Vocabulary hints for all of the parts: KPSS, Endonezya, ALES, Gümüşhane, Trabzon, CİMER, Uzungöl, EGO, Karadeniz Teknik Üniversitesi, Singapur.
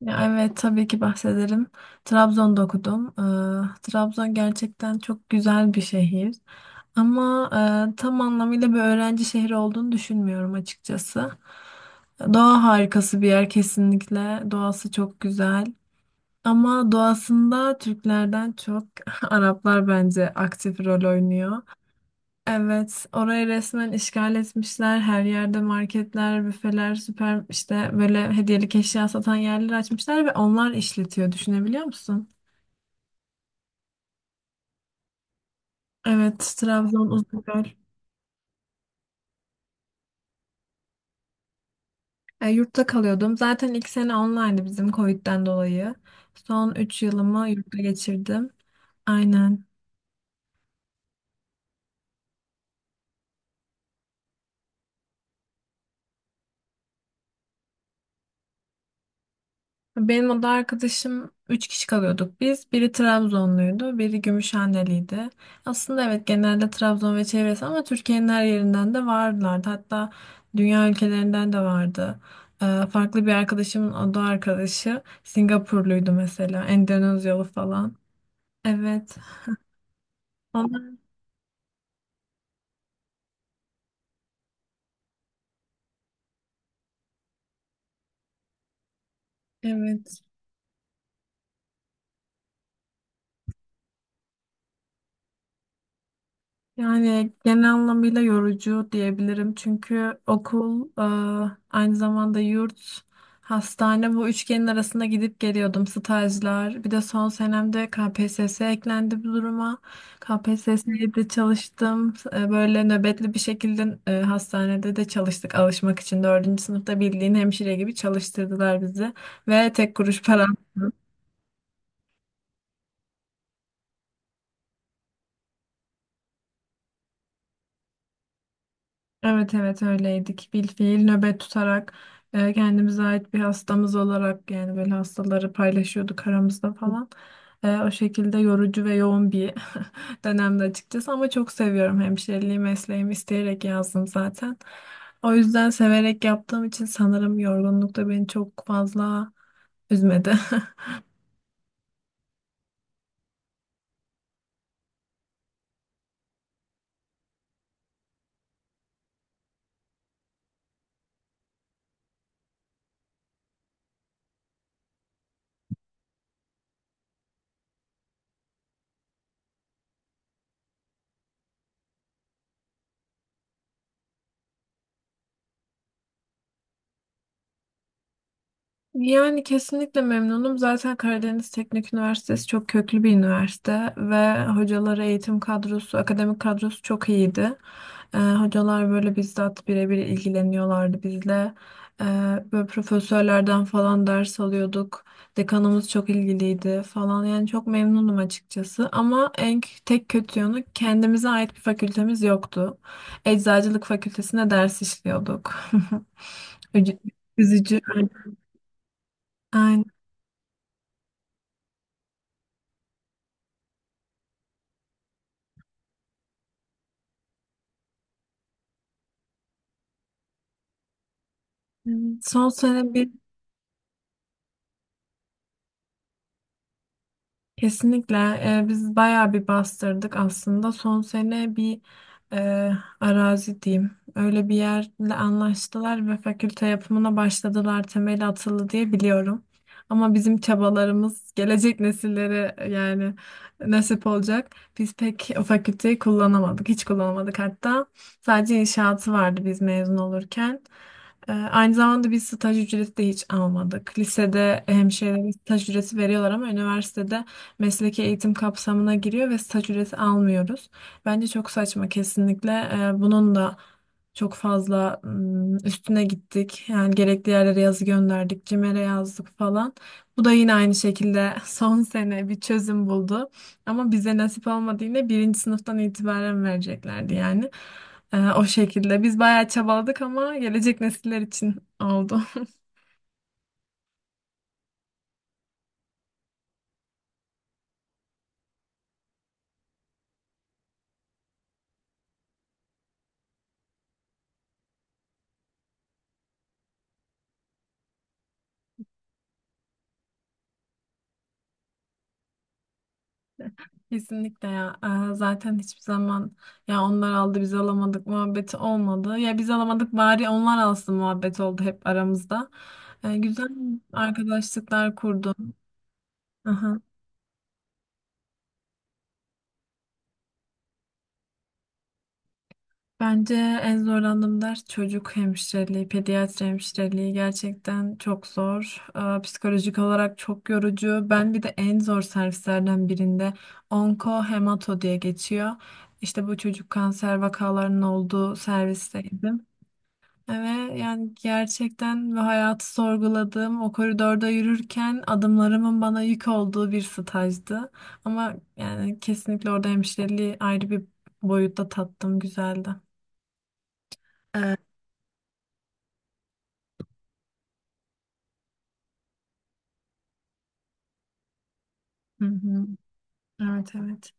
Ya evet tabii ki bahsederim. Trabzon'da okudum. Trabzon gerçekten çok güzel bir şehir. Ama tam anlamıyla bir öğrenci şehri olduğunu düşünmüyorum açıkçası. Doğa harikası bir yer kesinlikle. Doğası çok güzel. Ama doğasında Türklerden çok Araplar bence aktif rol oynuyor. Evet, orayı resmen işgal etmişler. Her yerde marketler, büfeler, süper işte böyle hediyelik eşya satan yerler açmışlar ve onlar işletiyor. Düşünebiliyor musun? Evet, Trabzon Uzungöl. Yurtta kalıyordum. Zaten ilk sene online'dı bizim Covid'den dolayı. Son 3 yılımı yurtta geçirdim. Aynen. Benim oda arkadaşım 3 kişi kalıyorduk biz. Biri Trabzonluydu, biri Gümüşhaneliydi. Aslında evet genelde Trabzon ve çevresi ama Türkiye'nin her yerinden de vardılardı. Hatta dünya ülkelerinden de vardı. Farklı bir arkadaşımın oda arkadaşı Singapurluydu mesela, Endonezyalı falan. Evet. Onlar, evet. Yani genel anlamıyla yorucu diyebilirim. Çünkü okul, aynı zamanda yurt, hastane bu üçgenin arasında gidip geliyordum. Stajlar. Bir de son senemde KPSS eklendi bu duruma. KPSS'ye de çalıştım. Böyle nöbetli bir şekilde hastanede de çalıştık alışmak için. Dördüncü sınıfta bildiğin hemşire gibi çalıştırdılar bizi. Ve tek kuruş para. Evet evet öyleydik. Bilfiil nöbet tutarak kendimize ait bir hastamız olarak yani böyle hastaları paylaşıyorduk aramızda falan. O şekilde yorucu ve yoğun bir dönemde açıkçası ama çok seviyorum hemşireliği mesleğimi isteyerek yazdım zaten. O yüzden severek yaptığım için sanırım yorgunluk da beni çok fazla üzmedi. Yani kesinlikle memnunum. Zaten Karadeniz Teknik Üniversitesi çok köklü bir üniversite ve hocaları, eğitim kadrosu, akademik kadrosu çok iyiydi. Hocalar böyle bizzat birebir ilgileniyorlardı bizle. Ee, Böyle profesörlerden falan ders alıyorduk. Dekanımız çok ilgiliydi falan. Yani çok memnunum açıkçası. Ama en tek kötü yanı kendimize ait bir fakültemiz yoktu. Eczacılık fakültesine ders işliyorduk. Üc- Üzücü. Aynen. Evet. Son sene bir. Kesinlikle biz bayağı bir bastırdık aslında. Son sene bir e, arazi diyeyim. Öyle bir yerle anlaştılar ve fakülte yapımına başladılar. Temeli atıldı diye biliyorum. Ama bizim çabalarımız gelecek nesillere yani nasip olacak. Biz pek o fakülteyi kullanamadık. Hiç kullanamadık hatta. Sadece inşaatı vardı biz mezun olurken. Aynı zamanda biz staj ücreti de hiç almadık. Lisede hemşirelere staj ücreti veriyorlar ama üniversitede mesleki eğitim kapsamına giriyor ve staj ücreti almıyoruz. Bence çok saçma kesinlikle. Bunun da çok fazla üstüne gittik. Yani gerekli yerlere yazı gönderdik, CİMER'e yazdık falan. Bu da yine aynı şekilde son sene bir çözüm buldu. Ama bize nasip olmadı yine birinci sınıftan itibaren vereceklerdi yani. O şekilde. Biz bayağı çabaladık ama gelecek nesiller için oldu. Kesinlikle ya. Zaten hiçbir zaman ya onlar aldı biz alamadık muhabbeti olmadı. Ya biz alamadık bari onlar alsın muhabbet oldu hep aramızda. Güzel arkadaşlıklar kurdum. Aha. Bence en zorlandığım ders çocuk hemşireliği, pediatri hemşireliği gerçekten çok zor. Psikolojik olarak çok yorucu. Ben bir de en zor servislerden birinde onko hemato diye geçiyor. İşte bu çocuk kanser vakalarının olduğu servisteydim. Ve yani gerçekten ve hayatı sorguladığım o koridorda yürürken adımlarımın bana yük olduğu bir stajdı. Ama yani kesinlikle orada hemşireliği ayrı bir boyutta tattım, güzeldi. Ee, hı hı. Evet evet.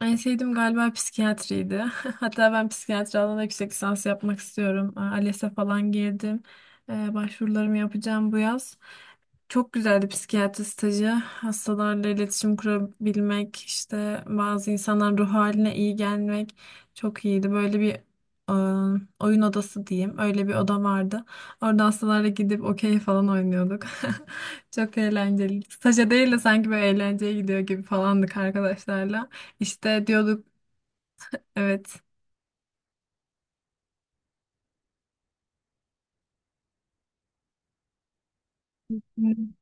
En sevdiğim galiba psikiyatriydi. Hatta ben psikiyatri alanında yüksek lisans yapmak istiyorum. Aa, ALES'e falan girdim. Başvurularımı yapacağım bu yaz. Çok güzeldi psikiyatri stajı. Hastalarla iletişim kurabilmek, işte bazı insanların ruh haline iyi gelmek çok iyiydi. Böyle bir e, oyun odası diyeyim. Öyle bir oda vardı. Orada hastalarla gidip okey falan oynuyorduk. Çok eğlenceli. Staja değil de sanki böyle eğlenceye gidiyor gibi falandık arkadaşlarla. İşte diyorduk evet. Hı.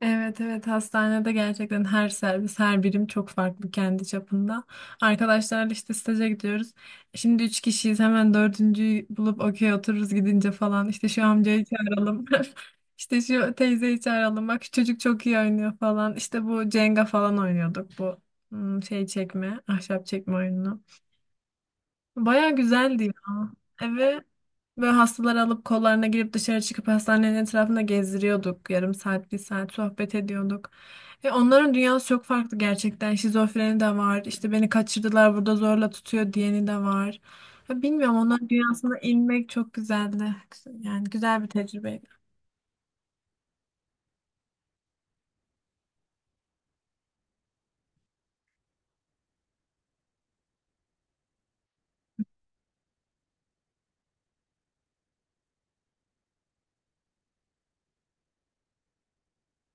Evet evet hastanede gerçekten her servis her birim çok farklı kendi çapında. Arkadaşlarla işte staja gidiyoruz. Şimdi 3 kişiyiz hemen dördüncüyü bulup okey otururuz gidince falan. İşte şu amcayı çağıralım. İşte şu teyzeyi çağıralım. Bak şu çocuk çok iyi oynuyor falan. İşte bu Cenga falan oynuyorduk bu şey çekme ahşap çekme oyunu. Baya güzeldi ya. Eve. Böyle hastaları alıp kollarına girip dışarı çıkıp hastanenin etrafında gezdiriyorduk. Yarım saat, bir saat sohbet ediyorduk. Ve onların dünyası çok farklı gerçekten. Şizofreni de var. İşte beni kaçırdılar burada zorla tutuyor diyeni de var. Ya bilmiyorum onların dünyasına inmek çok güzeldi. Yani güzel bir tecrübeydi.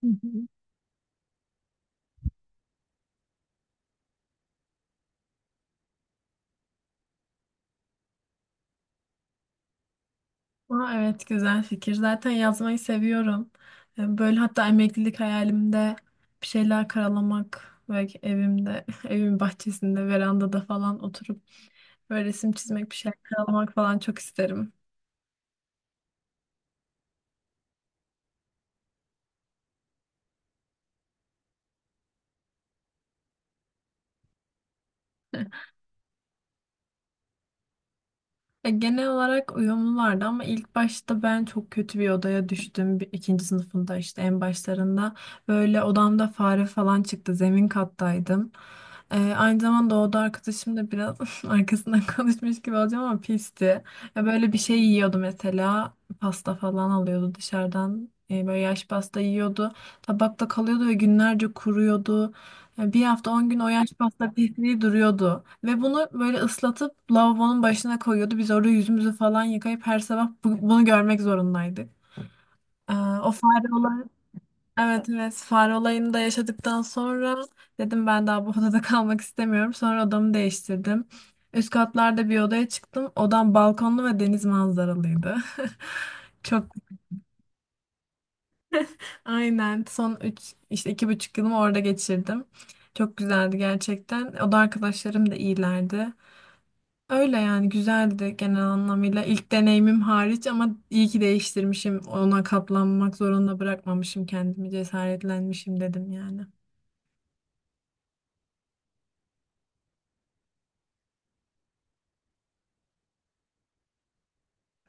Hı hı. Aa, evet güzel fikir. Zaten yazmayı seviyorum. Yani böyle hatta emeklilik hayalimde bir şeyler karalamak ve evimde, evimin bahçesinde, verandada falan oturup böyle resim çizmek, bir şeyler karalamak falan çok isterim. Ya genel olarak uyumlulardı ama ilk başta ben çok kötü bir odaya düştüm. İkinci sınıfında işte en başlarında böyle odamda fare falan çıktı. Zemin kattaydım. Aynı zamanda o oda arkadaşım da biraz arkasından konuşmuş gibi olacağım ama pisti. Ya böyle bir şey yiyordu mesela. Pasta falan alıyordu dışarıdan. Böyle yaş pasta yiyordu. Tabakta kalıyordu ve günlerce kuruyordu. Yani bir hafta 10 gün o yaş pasta pisliği duruyordu. Ve bunu böyle ıslatıp lavabonun başına koyuyordu. Biz orada yüzümüzü falan yıkayıp her sabah bunu görmek zorundaydık. Ee, O fare olayı, evet evet fare olayını da yaşadıktan sonra dedim ben daha bu odada kalmak istemiyorum. Sonra odamı değiştirdim. Üst katlarda bir odaya çıktım. Odam balkonlu ve deniz manzaralıydı. Çok. Aynen son 3 işte 2,5 yılımı orada geçirdim. Çok güzeldi gerçekten. O da arkadaşlarım da iyilerdi. Öyle yani güzeldi genel anlamıyla. İlk deneyimim hariç ama iyi ki değiştirmişim. Ona katlanmak zorunda bırakmamışım kendimi. Cesaretlenmişim dedim yani.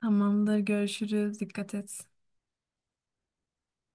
Tamamdır görüşürüz. Dikkat et.